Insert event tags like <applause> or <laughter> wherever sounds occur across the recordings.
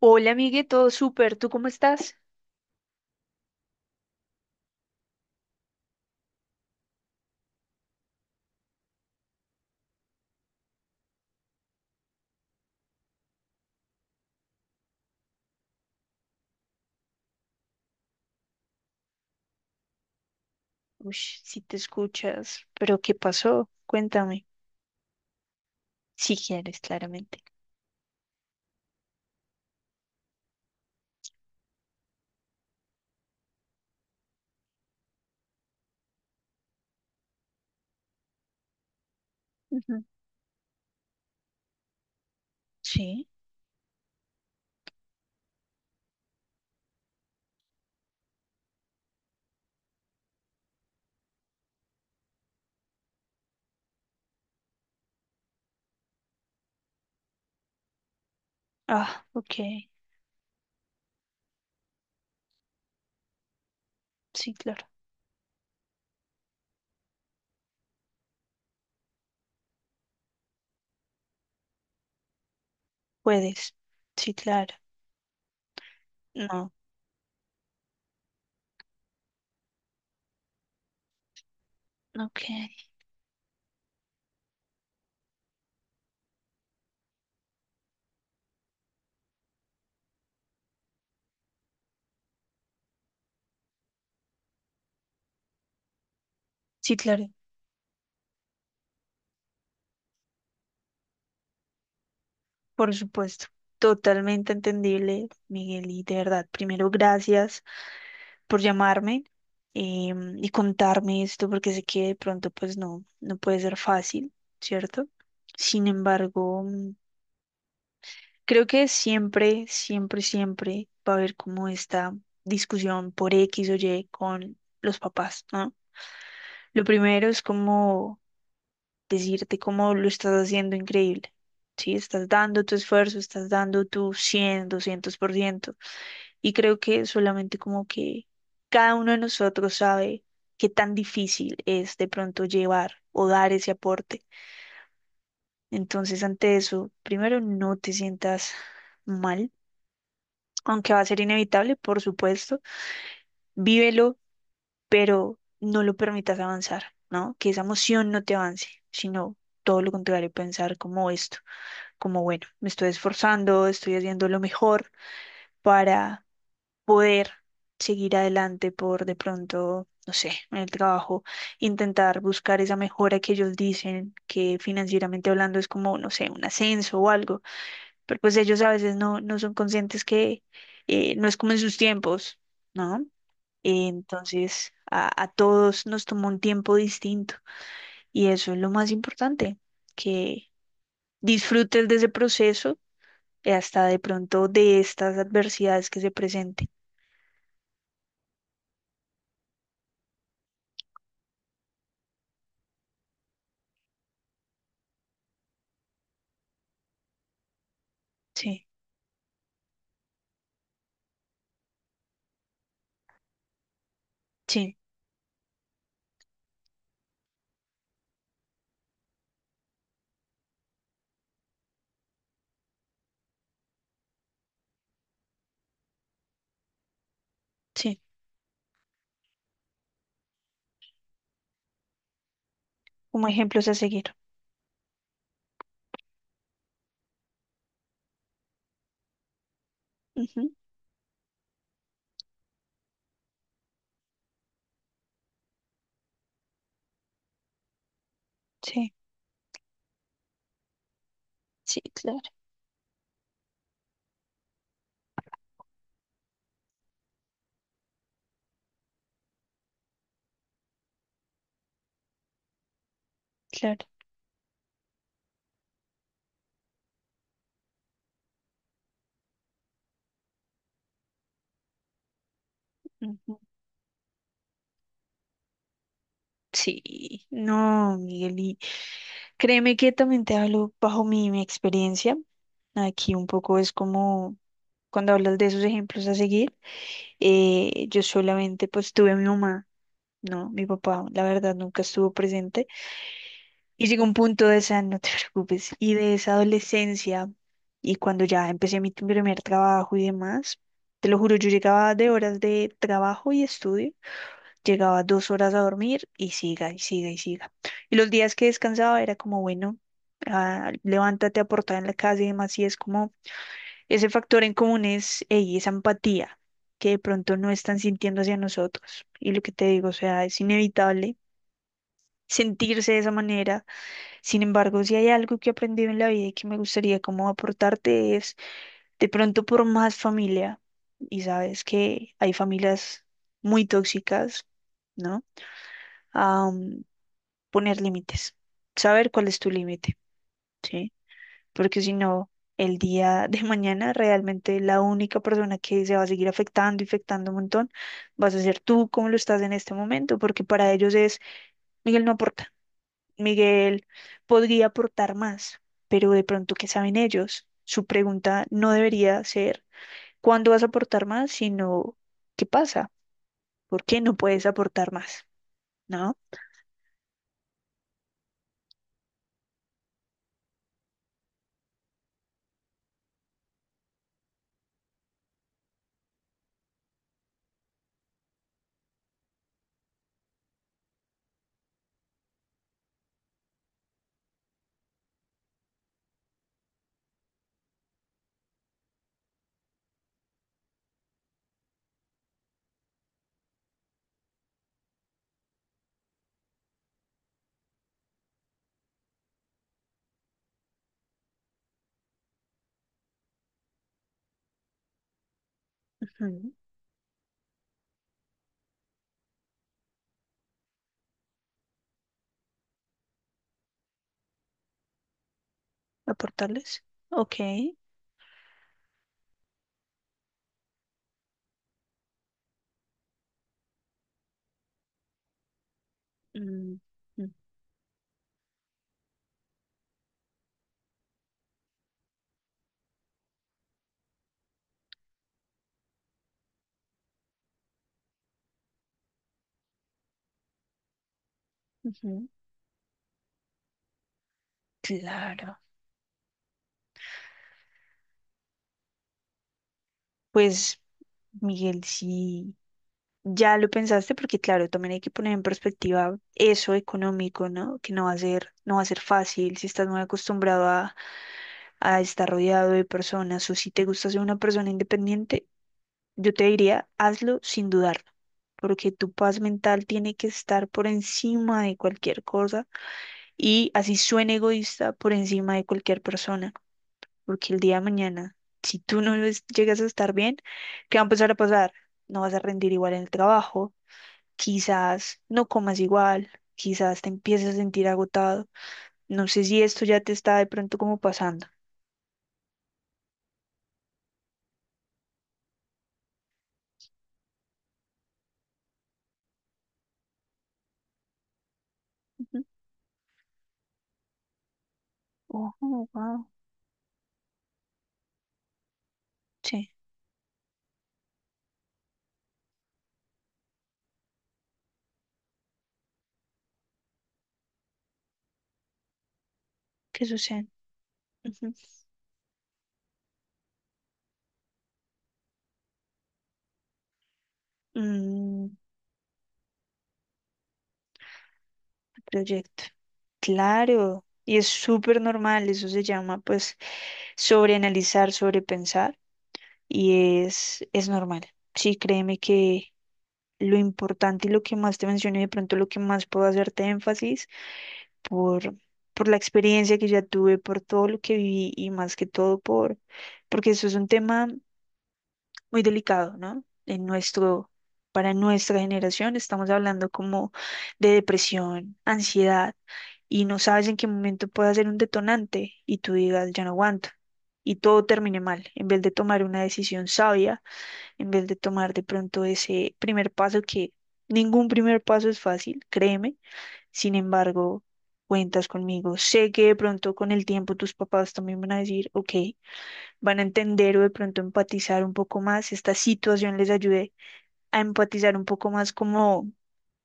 Hola, amigue, todo súper. ¿Tú cómo estás? Uy, si te escuchas. ¿Pero qué pasó? Cuéntame. Si quieres, claramente. Ujú. Sí. Ah, ok. Sí, claro. Puedes. Sí, claro. No. Ok. Sí, claro. Por supuesto. Totalmente entendible, Miguel. Y de verdad, primero, gracias por llamarme y contarme esto, porque sé que de pronto, pues no, no puede ser fácil, ¿cierto? Sin embargo. Creo que siempre, siempre, siempre va a haber como esta discusión por X o Y con los papás, ¿no? Lo primero es como decirte cómo lo estás haciendo increíble, ¿sí? Estás dando tu esfuerzo, estás dando tu cien, doscientos por ciento. Y creo que solamente como que cada uno de nosotros sabe qué tan difícil es de pronto llevar o dar ese aporte. Entonces, ante eso, primero no te sientas mal, aunque va a ser inevitable, por supuesto, vívelo, pero no lo permitas avanzar, ¿no? Que esa emoción no te avance, sino todo lo contrario, pensar como esto, como bueno, me estoy esforzando, estoy haciendo lo mejor para poder seguir adelante por de pronto, no sé, en el trabajo, intentar buscar esa mejora que ellos dicen, que financieramente hablando es como, no sé, un ascenso o algo. Pero pues ellos a veces no, no son conscientes que no es como en sus tiempos, ¿no? Entonces, a todos nos tomó un tiempo distinto y eso es lo más importante, que disfrutes de ese proceso y hasta de pronto de estas adversidades que se presenten. Sí, sí, sí, como ejemplos a seguir. Ujú, sí, sí, claro, claro. Ujú. Sí, no, Miguel, créeme que también te hablo bajo mi experiencia. Aquí un poco es como cuando hablas de esos ejemplos a seguir. Yo solamente pues tuve a mi mamá, ¿no? Mi papá, la verdad, nunca estuvo presente. Y llegó un punto de esa, no te <laughs> preocupes, y de esa adolescencia y cuando ya empecé mi primer trabajo y demás, te lo juro, yo llegaba de horas de trabajo y estudio. Llegaba dos horas a dormir y siga y siga y siga. Y los días que descansaba era como, bueno, ah, levántate a aportar en la casa y demás. Y es como ese factor en común es ey, esa empatía que de pronto no están sintiendo hacia nosotros. Y lo que te digo, o sea, es inevitable sentirse de esa manera. Sin embargo, si hay algo que he aprendido en la vida y que me gustaría como aportarte es de pronto por más familia, y sabes que hay familias muy tóxicas, ¿no? Poner límites, saber cuál es tu límite, ¿sí? Porque si no, el día de <laughs> mañana realmente la única persona que se va a seguir afectando, y afectando un montón, vas a ser tú como lo estás en este momento, porque para ellos es, Miguel no aporta, Miguel podría aportar más, pero de pronto, ¿qué saben ellos? Su pregunta no debería ser, ¿cuándo vas a aportar más? Sino, ¿qué pasa? ¿Por qué no puedes aportar más? ¿No? Ujú. ¿Aportarles? Ok. Mm. Ujú. Ujú. Claro. Pues, Miguel, sí, ya lo pensaste, porque claro, también hay que poner en perspectiva eso económico, ¿no? Que no va a ser, no va a ser fácil si estás muy acostumbrado a estar rodeado de personas o si te gusta ser una persona independiente, yo te diría, hazlo sin dudarlo, porque tu paz mental tiene que estar por encima de cualquier cosa y así suene egoísta, por encima de cualquier persona. Porque el día de mañana, si tú no es- llegas a estar bien, ¿qué va a empezar a pasar? No vas a rendir igual en el trabajo, quizás no comas igual, quizás te empieces a sentir agotado. No sé si esto ya te está de pronto como pasando. Ujú. Ojo, wow. Sí, ¿qué sucede? Ujú. Mm, proyecto. Claro, y es súper normal, eso se llama pues sobreanalizar, sobrepensar, y es normal. Sí, créeme que lo importante y lo que más te mencioné, de pronto lo que más puedo hacerte énfasis por, por la experiencia que ya tuve, por todo lo que viví y más que todo por, porque eso es un tema muy delicado, ¿no? En nuestro, para nuestra generación estamos hablando como de depresión, ansiedad y no sabes en qué momento puede ser un detonante y tú digas, ya no aguanto. Y todo termine mal, en vez de tomar una decisión sabia, en vez de tomar de pronto ese primer paso que ningún primer paso es fácil, créeme. Sin embargo, cuentas conmigo. Sé que de pronto con el tiempo tus papás también van a decir, ok, van a entender o de pronto empatizar un poco más. Esta situación les ayude a empatizar un poco más como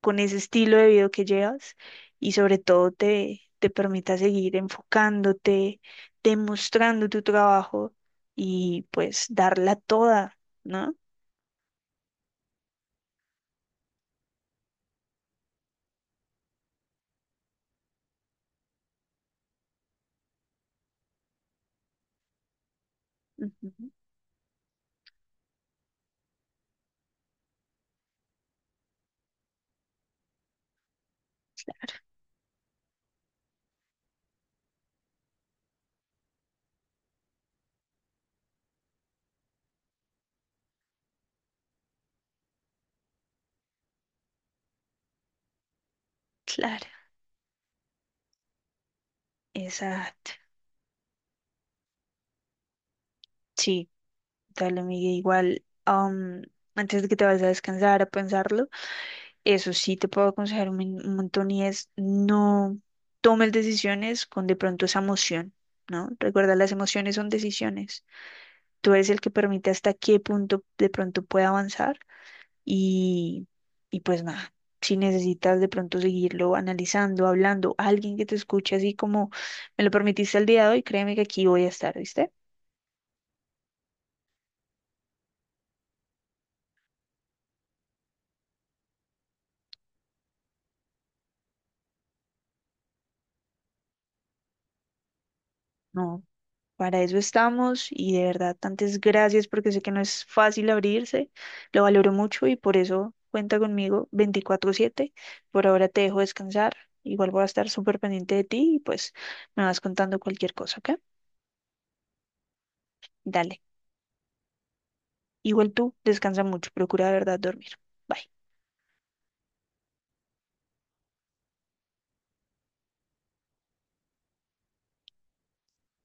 con ese estilo de vida que llevas y sobre todo te permita seguir enfocándote, demostrando tu trabajo y pues darla toda, ¿no? Ujú. Claro, exacto. Sí, dale, Miguel, igual. Antes de que te vayas a descansar, a pensarlo, eso sí te puedo aconsejar un, un montón y es no tomes decisiones con de pronto esa emoción, ¿no? Recuerda, las emociones son decisiones. Tú eres el que permite hasta qué punto de pronto puede avanzar y, y pues nada, si necesitas de pronto seguirlo analizando, hablando, alguien que te escuche así como me lo permitiste el día de hoy, créeme que aquí voy a estar, ¿viste? No. Para eso estamos y de verdad, tantas gracias porque sé que no es fácil abrirse, lo valoro mucho y por eso cuenta conmigo 24/7. Por ahora te dejo descansar, igual voy a estar súper pendiente de ti y pues me vas contando cualquier cosa, ¿ok? Dale. Igual tú, descansa mucho, procura de verdad dormir. Bye.